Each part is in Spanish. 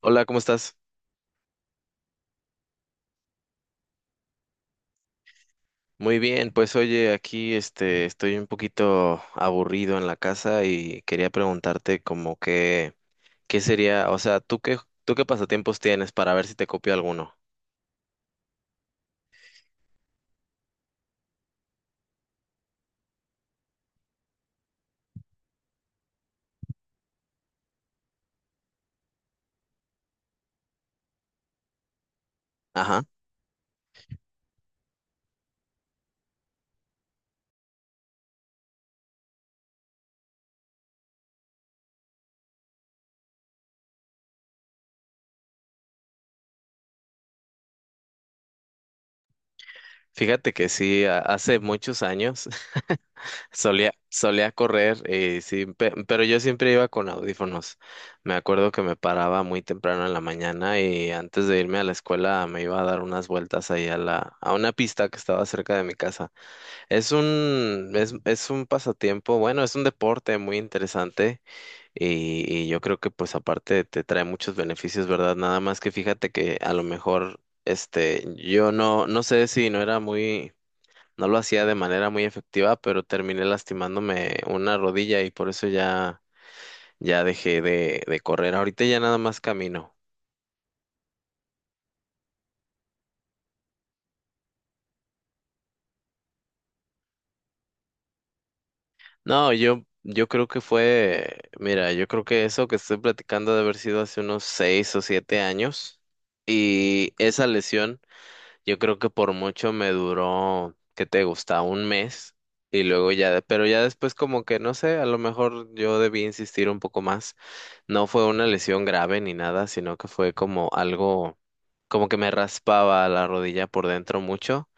Hola, ¿cómo estás? Muy bien, pues oye, aquí estoy un poquito aburrido en la casa y quería preguntarte como que qué sería, o sea, ¿tú qué pasatiempos tienes para ver si te copio alguno? Ajá. Fíjate que sí, hace muchos años solía correr, sí, pero yo siempre iba con audífonos. Me acuerdo que me paraba muy temprano en la mañana y antes de irme a la escuela me iba a dar unas vueltas ahí a una pista que estaba cerca de mi casa. Es un pasatiempo, bueno, es un deporte muy interesante y yo creo que pues aparte te trae muchos beneficios, ¿verdad? Nada más que fíjate que a lo mejor, este, yo no, no sé si no era muy, no lo hacía de manera muy efectiva, pero terminé lastimándome una rodilla y por eso ya, ya dejé de correr. Ahorita ya nada más camino. No, yo creo que fue, mira, yo creo que eso que estoy platicando ha de haber sido hace unos seis o siete años. Y esa lesión, yo creo que por mucho me duró, ¿qué te gusta? Un mes. Y luego ya, pero ya después como que no sé, a lo mejor yo debí insistir un poco más. No fue una lesión grave ni nada, sino que fue como algo, como que me raspaba la rodilla por dentro mucho.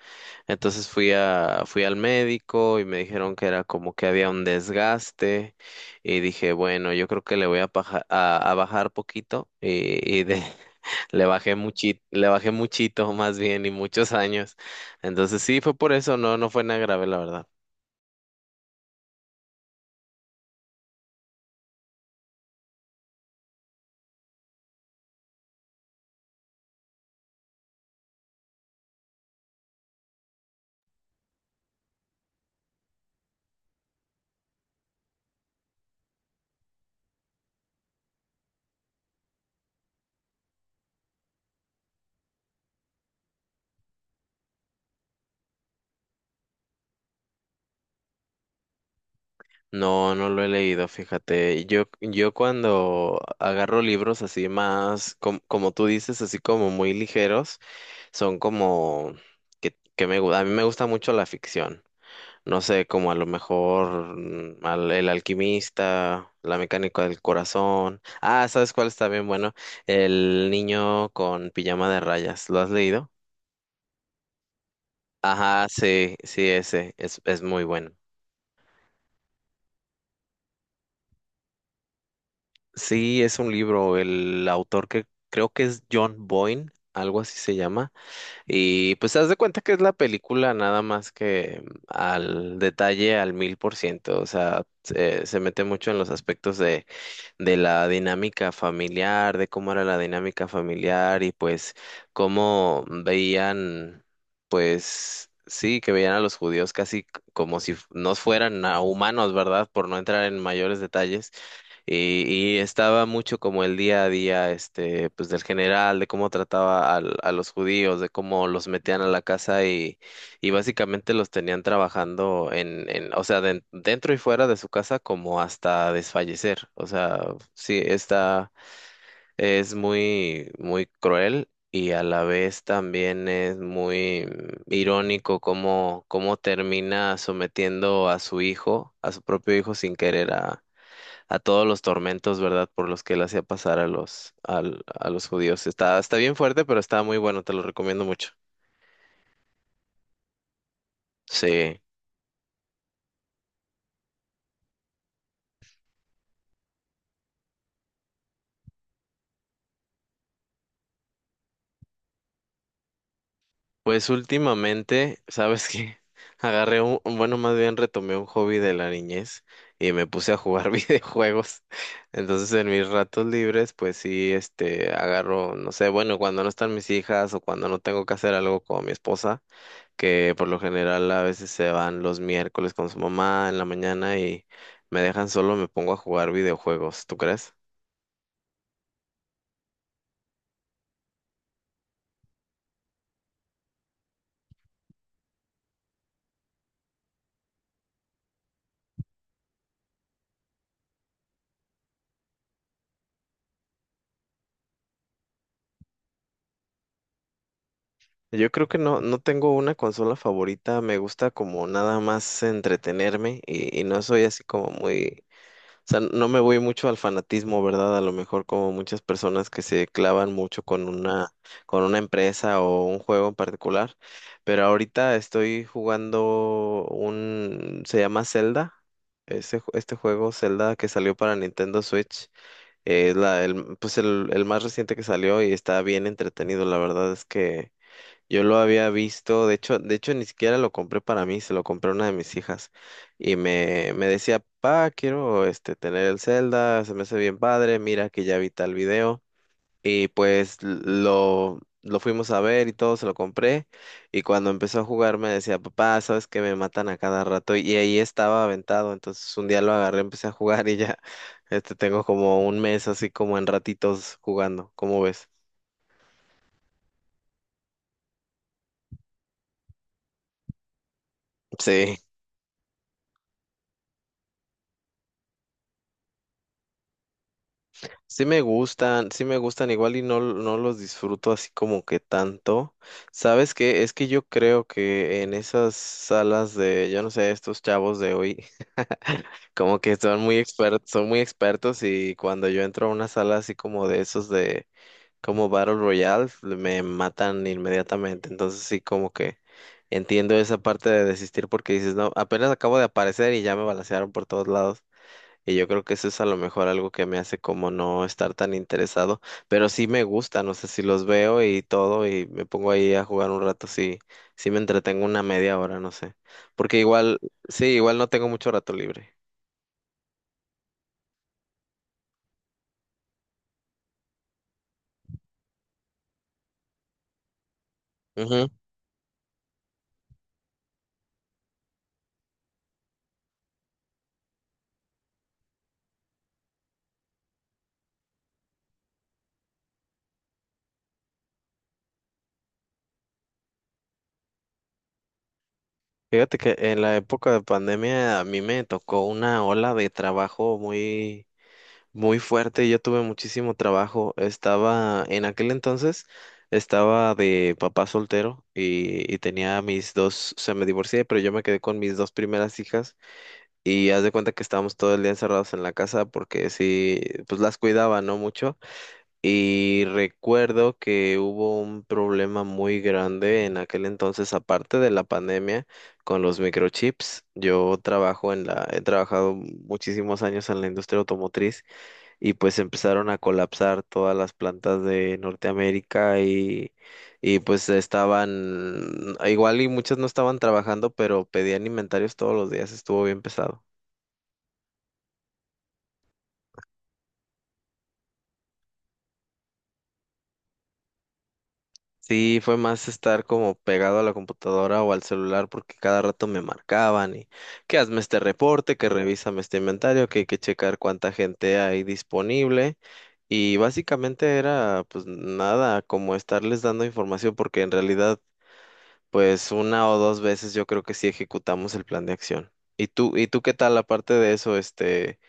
Entonces fui al médico y me dijeron que era como que había un desgaste y dije, bueno, yo creo que le voy a a bajar poquito y de, le bajé muchito más bien y muchos años. Entonces sí, fue por eso, no, no fue nada grave, la verdad. No, no lo he leído, fíjate. Yo cuando agarro libros así más, como tú dices, así como muy ligeros, son como que me, a mí me gusta mucho la ficción. No sé, como a lo mejor El Alquimista, La Mecánica del Corazón. Ah, ¿sabes cuál está bien bueno? El niño con pijama de rayas. ¿Lo has leído? Ajá, sí, sí, es muy bueno. Sí, es un libro, el autor que creo que es John Boyne, algo así se llama. Y pues haz de cuenta que es la película nada más que al detalle al mil por ciento, o sea, se mete mucho en los aspectos de la dinámica familiar, de cómo era la dinámica familiar y pues cómo veían, pues sí, que veían a los judíos como si no fueran a humanos, ¿verdad? Por no entrar en mayores detalles. Y estaba mucho como el día a día, este, pues del general, de cómo trataba a los judíos, de cómo los metían a la casa y básicamente los tenían trabajando o sea, dentro y fuera de su casa como hasta desfallecer. O sea, sí, está, es muy, muy cruel y a la vez también es muy irónico cómo, cómo termina sometiendo a su hijo, a su propio hijo sin querer a todos los tormentos, ¿verdad? Por los que él hacía pasar a a los judíos. Está, está bien fuerte, pero está muy bueno, te lo recomiendo mucho. Sí. Pues últimamente, ¿sabes qué? Más bien retomé un hobby de la niñez y me puse a jugar videojuegos. Entonces, en mis ratos libres, pues sí, este, agarro, no sé, bueno, cuando no están mis hijas o cuando no tengo que hacer algo con mi esposa, que por lo general a veces se van los miércoles con su mamá en la mañana y me dejan solo, me pongo a jugar videojuegos, ¿tú crees? Yo creo que no, no tengo una consola favorita, me gusta como nada más entretenerme y no soy así como muy, o sea, no me voy mucho al fanatismo, ¿verdad? A lo mejor como muchas personas que se clavan mucho con una empresa o un juego en particular, pero ahorita estoy jugando un, se llama Zelda, ese, este juego Zelda que salió para Nintendo Switch. Es la, el, pues el más reciente que salió y está bien entretenido. La verdad es que yo lo había visto, de hecho ni siquiera lo compré para mí, se lo compré a una de mis hijas y me decía, pa, quiero tener el Zelda, se me hace bien padre, mira que ya vi tal video y pues lo fuimos a ver y todo, se lo compré y cuando empezó a jugar me decía, papá, sabes que me matan a cada rato y ahí estaba aventado, entonces un día lo agarré, empecé a jugar y ya, tengo como un mes así como en ratitos jugando, ¿cómo ves? Sí. Sí me gustan, sí me gustan, igual y no, no los disfruto así como que tanto. ¿Sabes qué? Es que yo creo que en esas salas de, yo no sé, estos chavos de hoy, como que son muy expertos y cuando yo entro a una sala así como de como Battle Royale, me matan inmediatamente. Entonces sí como que entiendo esa parte de desistir porque dices, no, apenas acabo de aparecer y ya me balancearon por todos lados. Y yo creo que eso es a lo mejor algo que me hace como no estar tan interesado, pero sí me gusta, no sé si los veo y todo y me pongo ahí a jugar un rato, sí, sí me entretengo una media hora, no sé, porque igual, sí, igual no tengo mucho rato libre. Ujú. Fíjate que en la época de pandemia a mí me tocó una ola de trabajo muy fuerte, yo tuve muchísimo trabajo. Estaba, en aquel entonces, estaba de papá soltero y tenía se me divorcié, pero yo me quedé con mis dos primeras hijas y haz de cuenta que estábamos todo el día encerrados en la casa porque sí, pues las cuidaba, no mucho. Y recuerdo que hubo un problema muy grande en aquel entonces, aparte de la pandemia, con los microchips. Yo trabajo he trabajado muchísimos años en la industria automotriz y pues empezaron a colapsar todas las plantas de Norteamérica y pues estaban, igual y muchas no estaban trabajando, pero pedían inventarios todos los días, estuvo bien pesado. Sí, fue más estar como pegado a la computadora o al celular porque cada rato me marcaban y que hazme este reporte, que revísame este inventario, que hay que checar cuánta gente hay disponible. Y básicamente era pues nada, como estarles dando información porque en realidad pues una o dos veces yo creo que sí ejecutamos el plan de acción. Y tú qué tal aparte de eso, este,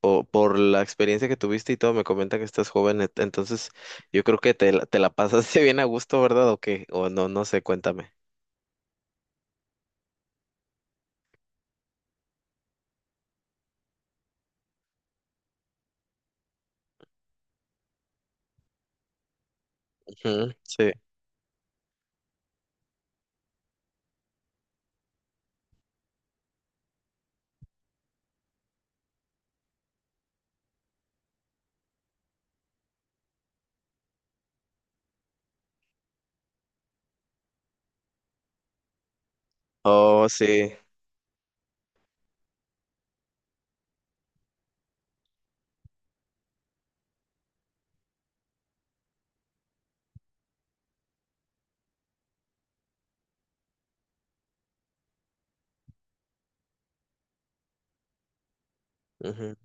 o por la experiencia que tuviste y todo, me comenta que estás joven, entonces yo creo que te la pasaste bien a gusto, ¿verdad? ¿O qué? O no, no sé, cuéntame. Ujú, sí. Oh, sí. Ujú.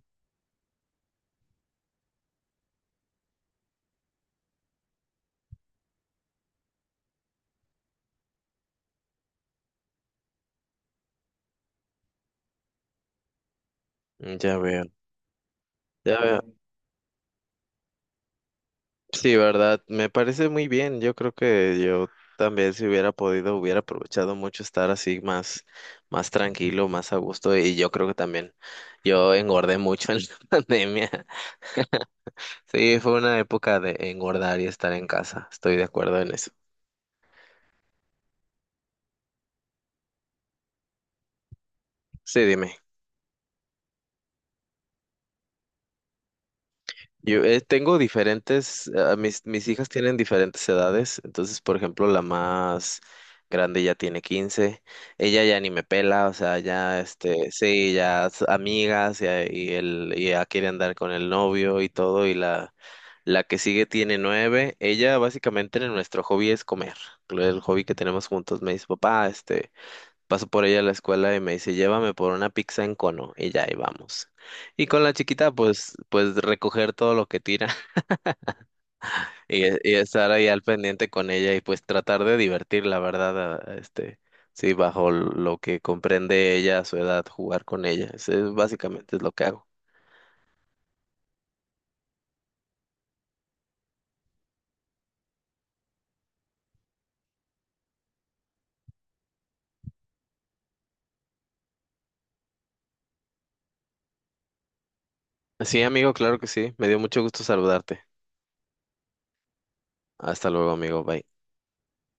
Ya veo. Ya veo. Sí, verdad, me parece muy bien. Yo creo que yo también si hubiera podido hubiera aprovechado mucho estar así más más tranquilo, más a gusto y yo creo que también yo engordé mucho en la pandemia. Sí, fue una época de engordar y estar en casa. Estoy de acuerdo en eso. Sí, dime. Yo, tengo diferentes, ah, mis hijas tienen diferentes edades, entonces, por ejemplo, la más grande ya tiene 15, ella ya ni me pela, o sea, ya, este, sí, ya es amigas, y ya quiere andar con el novio y todo, y la que sigue tiene 9, ella básicamente en nuestro hobby es comer, el hobby que tenemos juntos, me dice, papá, este, paso por ella a la escuela y me dice, llévame por una pizza en cono, y ya ahí vamos. Y con la chiquita, pues, pues recoger todo lo que tira y estar ahí al pendiente con ella y pues tratar de divertir, la verdad, a este, sí, bajo lo que comprende ella a su edad, jugar con ella. Eso es básicamente es lo que hago. Sí, amigo, claro que sí. Me dio mucho gusto saludarte. Hasta luego, amigo. Bye.